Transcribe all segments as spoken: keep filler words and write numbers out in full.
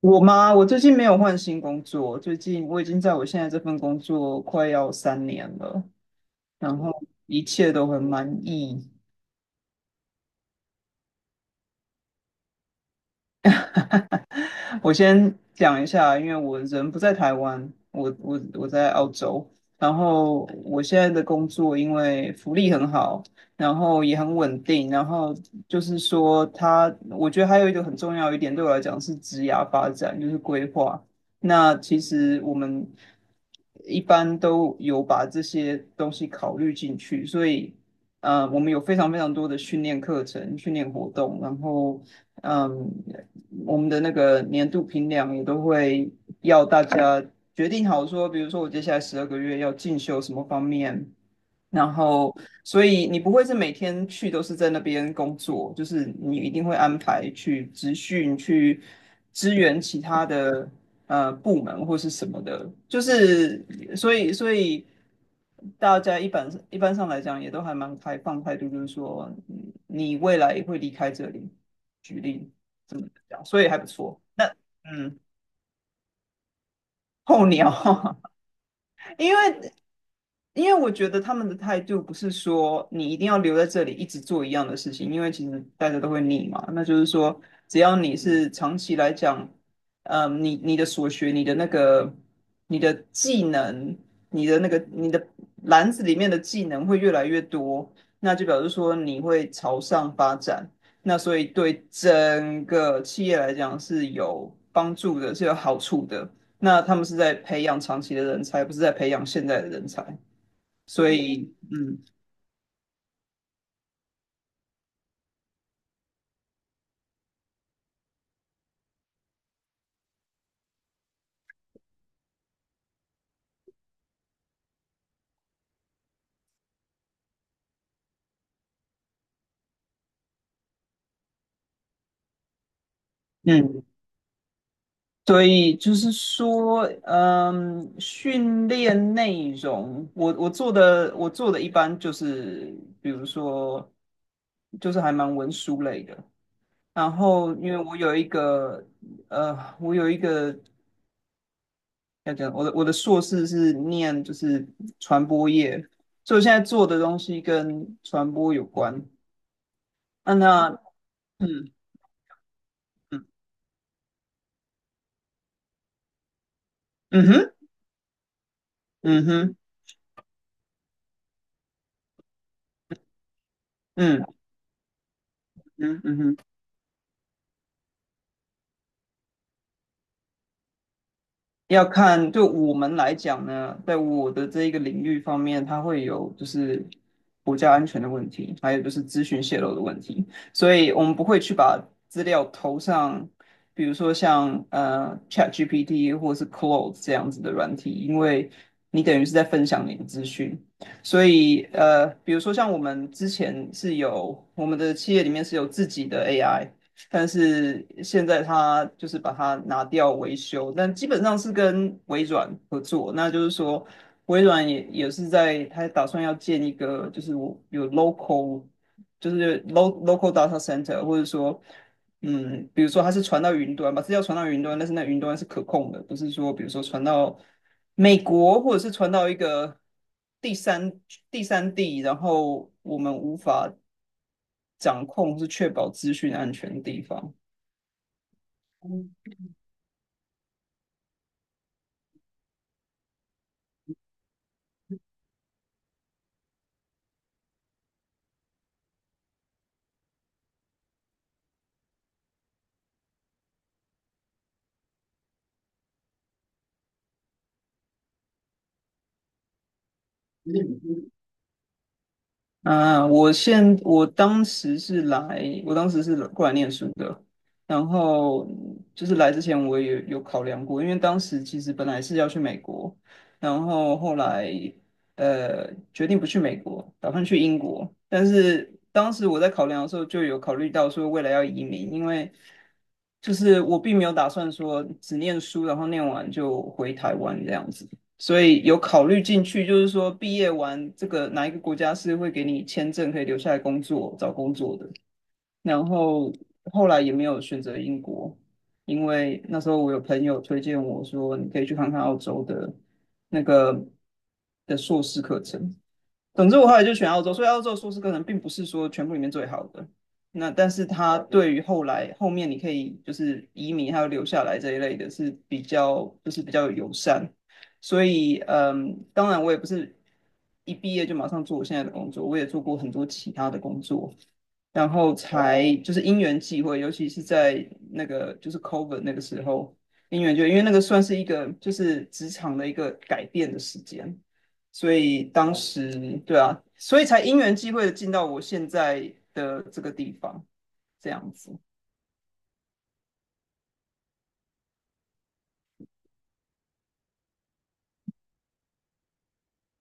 我吗？我最近没有换新工作，最近我已经在我现在这份工作快要三年了，然后一切都很满意。我先讲一下，因为我人不在台湾，我我我在澳洲，然后我现在的工作因为福利很好，然后也很稳定，然后就是说他我觉得还有一个很重要一点对我来讲是职涯发展，就是规划。那其实我们一般都有把这些东西考虑进去，所以呃，我们有非常非常多的训练课程、训练活动，然后。嗯，我们的那个年度评量也都会要大家决定好说，比如说我接下来十二个月要进修什么方面，然后所以你不会是每天去都是在那边工作，就是你一定会安排去职训、去支援其他的呃部门或是什么的，就是所以所以大家一般一般上来讲也都还蛮开放态度，就是说嗯你未来也会离开这里，举例。这样所以还不错。那嗯，候鸟，因为因为我觉得他们的态度不是说你一定要留在这里一直做一样的事情，因为其实大家都会腻嘛。那就是说，只要你是长期来讲，嗯，你你的所学、你的那个、你的技能、你的那个、你的篮子里面的技能会越来越多，那就表示说你会朝上发展。那所以对整个企业来讲是有帮助的，是有好处的。那他们是在培养长期的人才，不是在培养现在的人才。所以，嗯嗯，所以就是说，嗯，训练内容，我我做的我做的一般就是，比如说，就是还蛮文书类的。然后，因为我有一个，呃，我有一个要讲，我的我的硕士是念就是传播业，所以我现在做的东西跟传播有关。啊，那，嗯嗯嗯哼，嗯哼，嗯嗯嗯哼。要看对我们来讲呢，在我的这一个领域方面，它会有就是国家安全的问题，还有就是资讯泄露的问题，所以我们不会去把资料投上，比如说像呃 ChatGPT 或是 Claude 这样子的软体，因为你等于是在分享你的资讯，所以呃，比如说像我们之前是有我们的企业里面是有自己的 A I。但是现在他就是把它拿掉维修，但基本上是跟微软合作，那就是说微软也也是在他打算要建一个就是我有 local 就是 lo- local data center，或者说嗯，比如说它是传到云端，把资料传到云端，但是那云端是可控的，不是说比如说传到美国，或者是传到一个第三第三地，然后我们无法掌控，是确保资讯安全的地方。啊，我现我当时是来，我当时是来过来念书的，然后就是来之前我也有考量过，因为当时其实本来是要去美国，然后后来呃决定不去美国，打算去英国，但是当时我在考量的时候就有考虑到说未来要移民，因为就是我并没有打算说只念书，然后念完就回台湾这样子。所以有考虑进去，就是说毕业完这个哪一个国家是会给你签证可以留下来工作、找工作的。然后后来也没有选择英国，因为那时候我有朋友推荐我说你可以去看看澳洲的那个的硕士课程，总之我后来就选澳洲，所以澳洲的硕士课程并不是说全部里面最好的，那但是它对于后来后面你可以就是移民还有留下来这一类的是比较就是比较友善，所以嗯，当然我也不是一毕业就马上做我现在的工作，我也做过很多其他的工作，然后才就是因缘际会，尤其是在那个就是 COVID 那个时候，因缘就因为那个算是一个就是职场的一个改变的时间，所以当时对啊，所以才因缘际会的进到我现在的这个地方，这样子。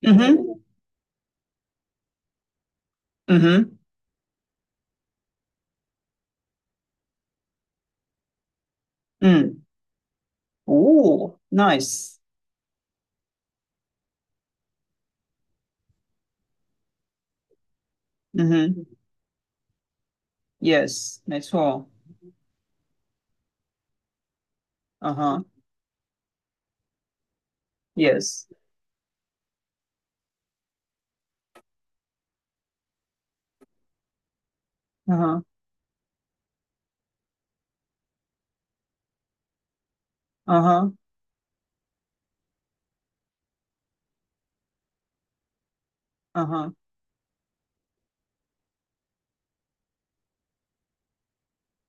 嗯哼，嗯哼，嗯，哦，nice，嗯哼，yes，没错，嗯哼，yes，嗯哼，嗯哼，嗯哼。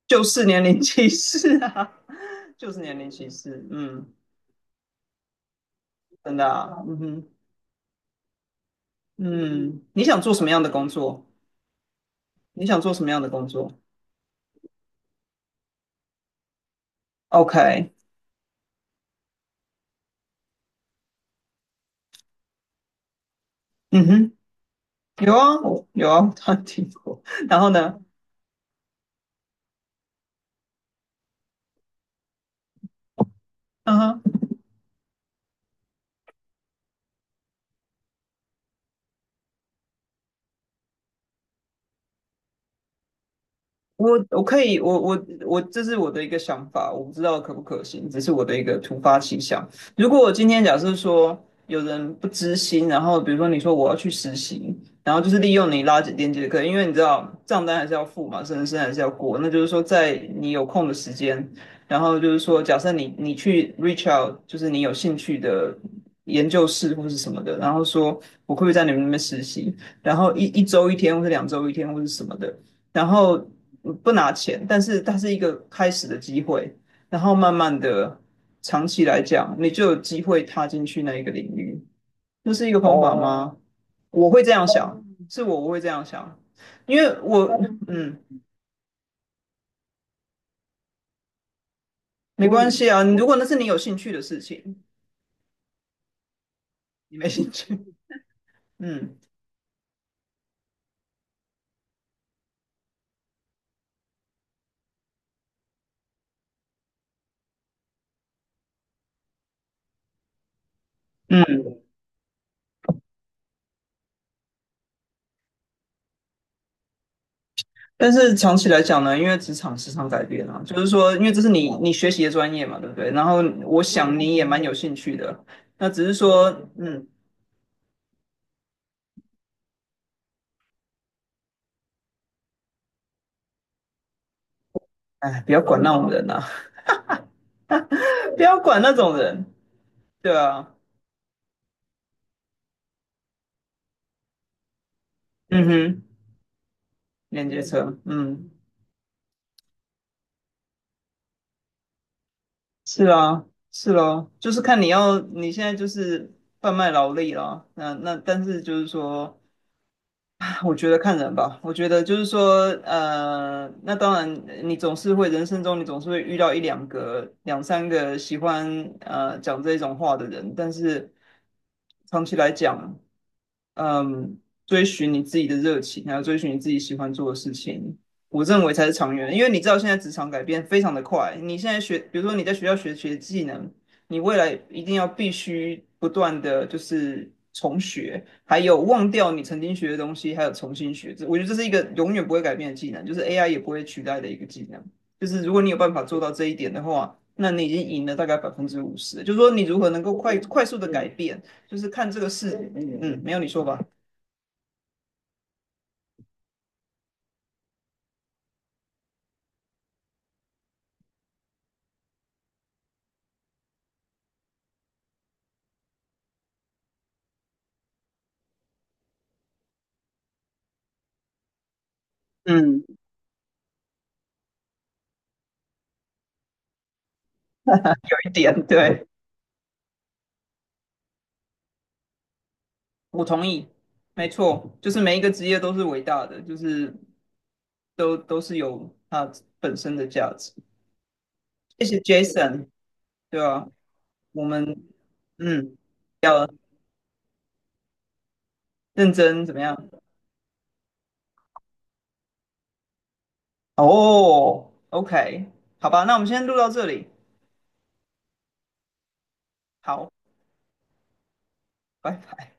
就是年龄歧视啊，就是年龄歧视，嗯，真的啊，嗯哼，嗯，你想做什么样的工作？你想做什么样的工作？OK，嗯哼，有啊，有啊，他听过。然后呢？嗯哼。我我可以，我我我，这是我的一个想法，我不知道可不可行，只是我的一个突发奇想。如果我今天假设说有人不知心，然后比如说你说我要去实习，然后就是利用你拉紧电的课，因为你知道账单还是要付嘛，生生还是要过，那就是说在你有空的时间，然后就是说假设你你去 reach out，就是你有兴趣的研究室或是什么的，然后说我会不会在你们那边实习，然后一一周一天，或是两周一天，或是什么的。然后嗯不拿钱，但是它是一个开始的机会，然后慢慢的长期来讲，你就有机会踏进去那一个领域，这是一个方法哦，吗？我会这样想，是我我会这样想，因为我嗯没关嗯，系啊，如果那是你有兴趣的事情，你没兴趣，嗯。嗯，但是长期来讲呢，因为职场时常改变啊，就是说，因为这是你你学习的专业嘛，对不对？然后我想嗯你也蛮有兴趣的，那只是说，嗯，哎，不要管那种人呐、啊 不要管那种人，对啊，嗯哼，连接车，嗯，是啊，是咯，就是看你要，你现在就是贩卖劳力啦，那那但是就是说，啊我觉得看人吧，我觉得就是说，呃，那当然，你总是会人生中你总是会遇到一两个、两三个喜欢呃讲这种话的人，但是长期来讲。嗯，追寻你自己的热情，还有追寻你自己喜欢做的事情，我认为才是长远的。因为你知道现在职场改变非常的快，你现在学，比如说你在学校学学技能，你未来一定要必须不断的就是重学，还有忘掉你曾经学的东西，还有重新学。这我觉得这是一个永远不会改变的技能，就是 A I 也不会取代的一个技能。就是如果你有办法做到这一点的话，那你已经赢了大概百分之五十。就是说你如何能够快快速的改变。就是看这个事，嗯嗯没有你说吧，嗯，有一点对，我同意，没错，就是每一个职业都是伟大的，就是都都是有它本身的价值。谢谢 Jason，对吧？我们嗯要认真怎么样？哦，OK，好吧，那我们先录到这里，好，拜拜。